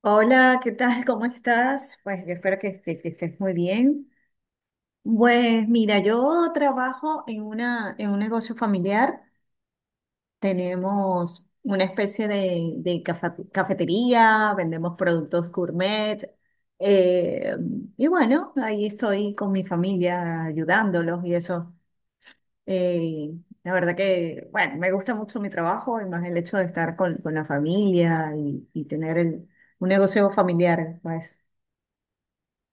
Hola, ¿qué tal? ¿Cómo estás? Pues yo espero que, que estés muy bien. Pues mira, yo trabajo en una, en un negocio familiar. Tenemos una especie de, de cafetería, vendemos productos gourmet. eh, y bueno, ahí estoy con mi familia ayudándolos y eso. Eh, la verdad que, bueno, me gusta mucho mi trabajo y más el hecho de estar con la familia y tener el, un negocio familiar, pues.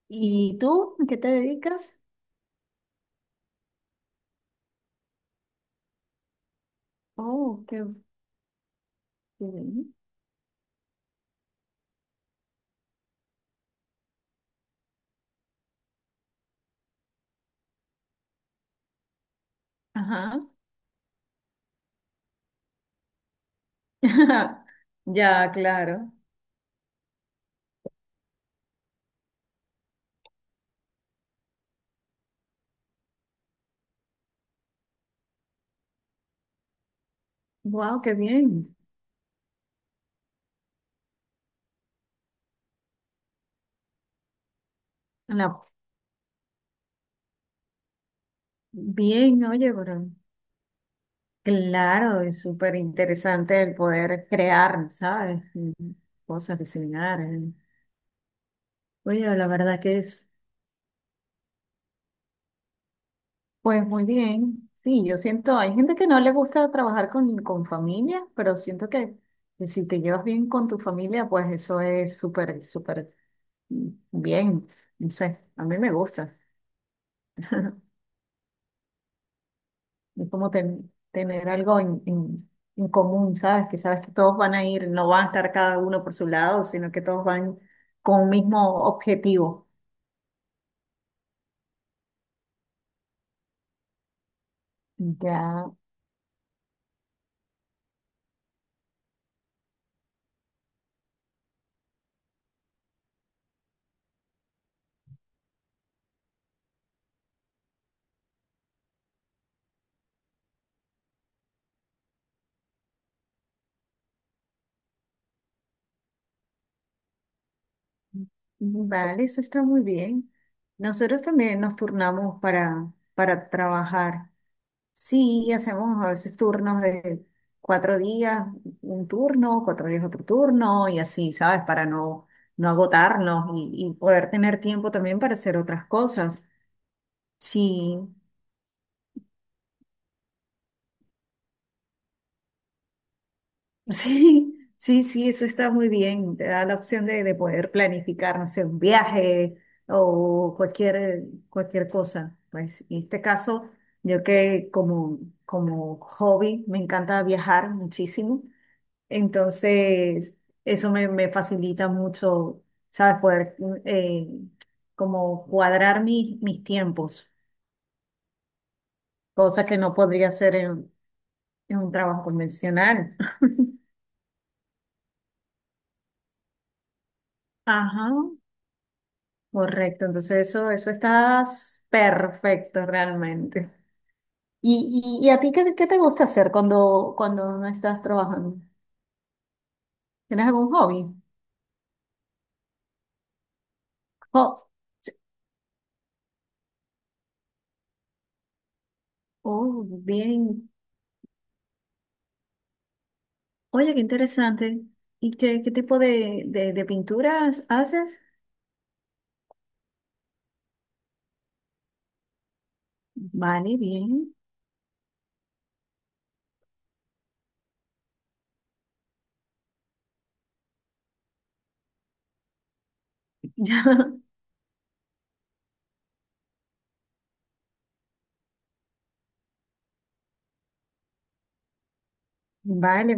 ¿Y tú? ¿A qué te dedicas? Oh, qué, bien. Ajá. Ya, claro. Wow, qué bien. La- Bien, oye, pero claro, es súper interesante el poder crear, ¿sabes? Cosas, diseñar. Oye, la verdad que es... pues muy bien. Sí, yo siento, hay gente que no le gusta trabajar con familia, pero siento que si te llevas bien con tu familia, pues eso es súper, súper bien, no sé, a mí me gusta. Es como tener algo en, en en común, ¿sabes? Que sabes que todos van a ir, no van a estar cada uno por su lado, sino que todos van con un mismo objetivo. Ya, vale, eso está muy bien. Nosotros también nos turnamos para trabajar. Sí, hacemos a veces turnos de cuatro días un turno, cuatro días otro turno y así, ¿sabes? Para no, no agotarnos y poder tener tiempo también para hacer otras cosas. Sí, sí, sí, sí, eso está muy bien. Te da la opción de poder planificar, no sé, un viaje o cualquier, cualquier cosa. Pues en este caso, yo que como, como hobby me encanta viajar muchísimo. Entonces, eso me, me facilita mucho, ¿sabes? Poder como cuadrar mis, mis tiempos, cosa que no podría hacer en un trabajo convencional. Ajá, correcto. Entonces, eso estás perfecto realmente. Y a ti qué, qué te gusta hacer cuando, cuando no estás trabajando? ¿Tienes algún hobby? Jo- Oh, bien. Oye, qué interesante. ¿Y qué, qué tipo de pinturas haces? Vale, bien. Ya, vale.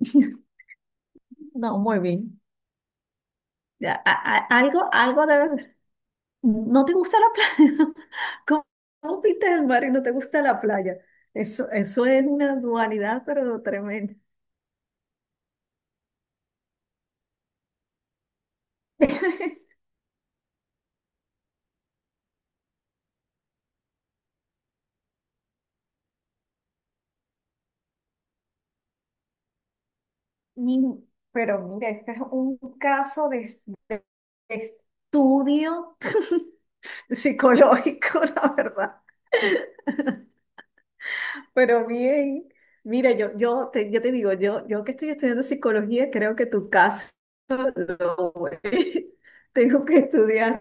No, muy bien. Ya, algo, algo de ver. ¿No te gusta la playa? ¿Cómo, cómo pintas el mar y no te gusta la playa? Eso es una dualidad, pero tremenda. Mi- pero mira, este es un caso de, de de Estudio psicológico, la verdad. Pero bien, mira, yo, yo te digo, yo que estoy estudiando psicología, creo que tu caso lo tengo que estudiar.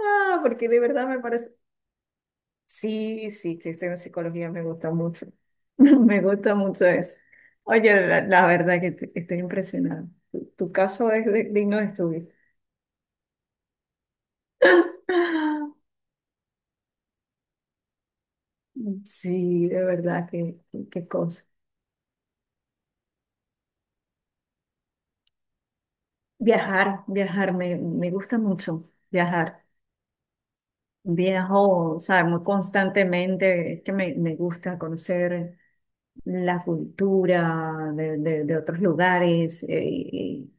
Ah, porque de verdad me parece. Sí, sí, sí, estoy en psicología, me gusta mucho. Me gusta mucho eso. Oye, la verdad que estoy impresionada. Tu caso es digno de estudio. Sí, de verdad, qué, qué qué cosa. Viajar, viajar, me gusta mucho viajar. Viajo, o sea, muy constantemente, es que me gusta conocer la cultura de, de de otros lugares, y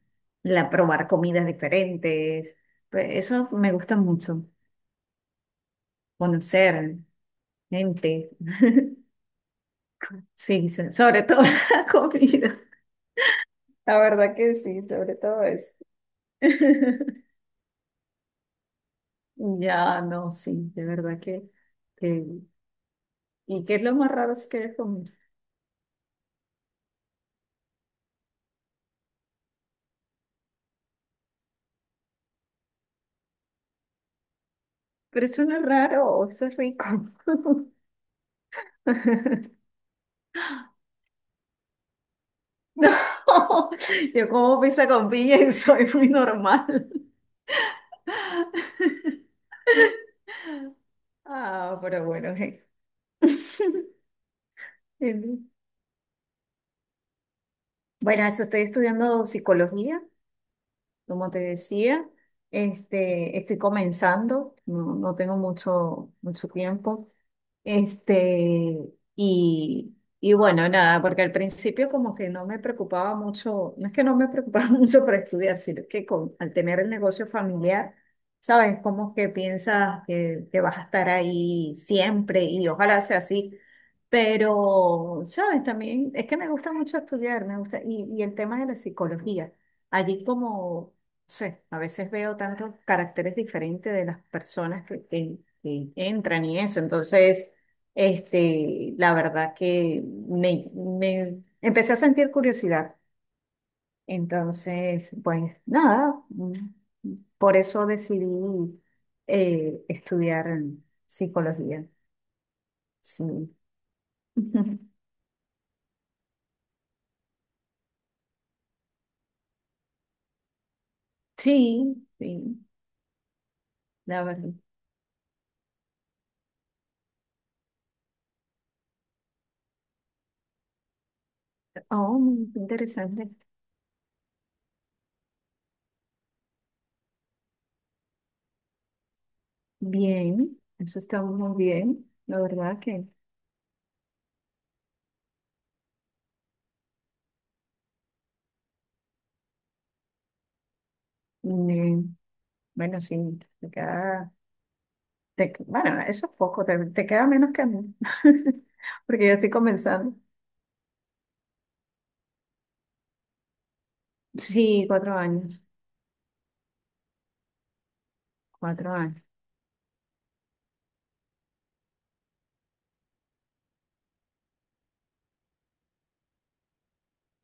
la probar comidas diferentes, pues eso me gusta mucho, conocer gente, sí, sobre todo la comida, la verdad que sí, sobre todo eso. Ya, no, sí, de verdad que, ¿y qué es lo más raro si quieres comer? Pero eso no es raro, eso es rico. No, yo como pizza con piña y soy muy normal. Ah, pero bueno, en- bueno, eso estoy estudiando psicología, como te decía, este, estoy comenzando, no, no tengo mucho, mucho tiempo. Este, y bueno, nada, porque al principio como que no me preocupaba mucho, no es que no me preocupaba mucho para estudiar, sino que con, al tener el negocio familiar, sabes, como que piensas que vas a estar ahí siempre y ojalá sea así, pero, sabes, también es que me gusta mucho estudiar, me gusta, y el tema de la psicología, allí como, no sé, a veces veo tantos caracteres diferentes de las personas que, que entran y eso, entonces... Este, la verdad que me empecé a sentir curiosidad. Entonces, pues nada, por eso decidí estudiar psicología. Sí. Sí, sí, la verdad. Oh, muy interesante. Bien, eso está muy bien. La verdad que, mm, bueno, sí, te queda, bueno, eso es poco, te queda menos que a mí, porque ya estoy comenzando. Sí, cuatro años, cuatro años.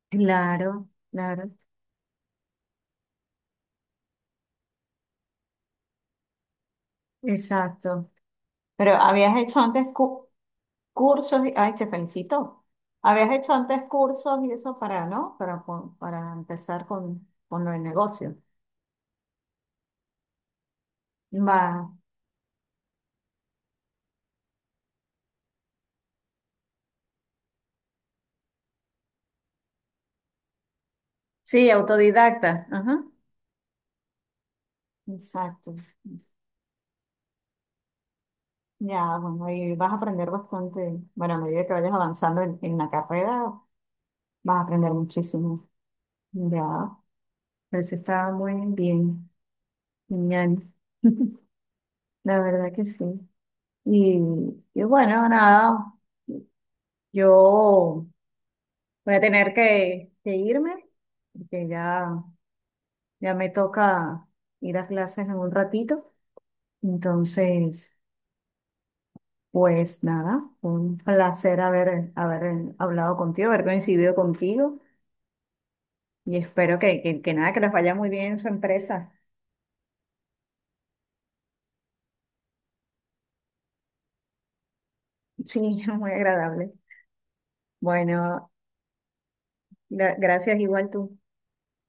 Claro, claro, exacto. Pero habías hecho antes cursos, ay, te felicito. Habías hecho antes cursos y eso para, ¿no? Para, para empezar con el negocio. Va, sí, autodidacta. Ajá. Exacto. Ya, bueno, y vas a aprender bastante. Bueno, a medida que vayas avanzando en la carrera, vas a aprender muchísimo. Ya, pero eso está muy bien, genial. La verdad que sí. Y, y bueno, nada, yo voy a tener que irme, porque ya, ya me toca ir a clases en un ratito. Entonces, pues nada, un placer haber, haber hablado contigo, haber coincidido contigo y espero que nada, que les vaya muy bien en su empresa. Sí, muy agradable. Bueno, gracias igual tú.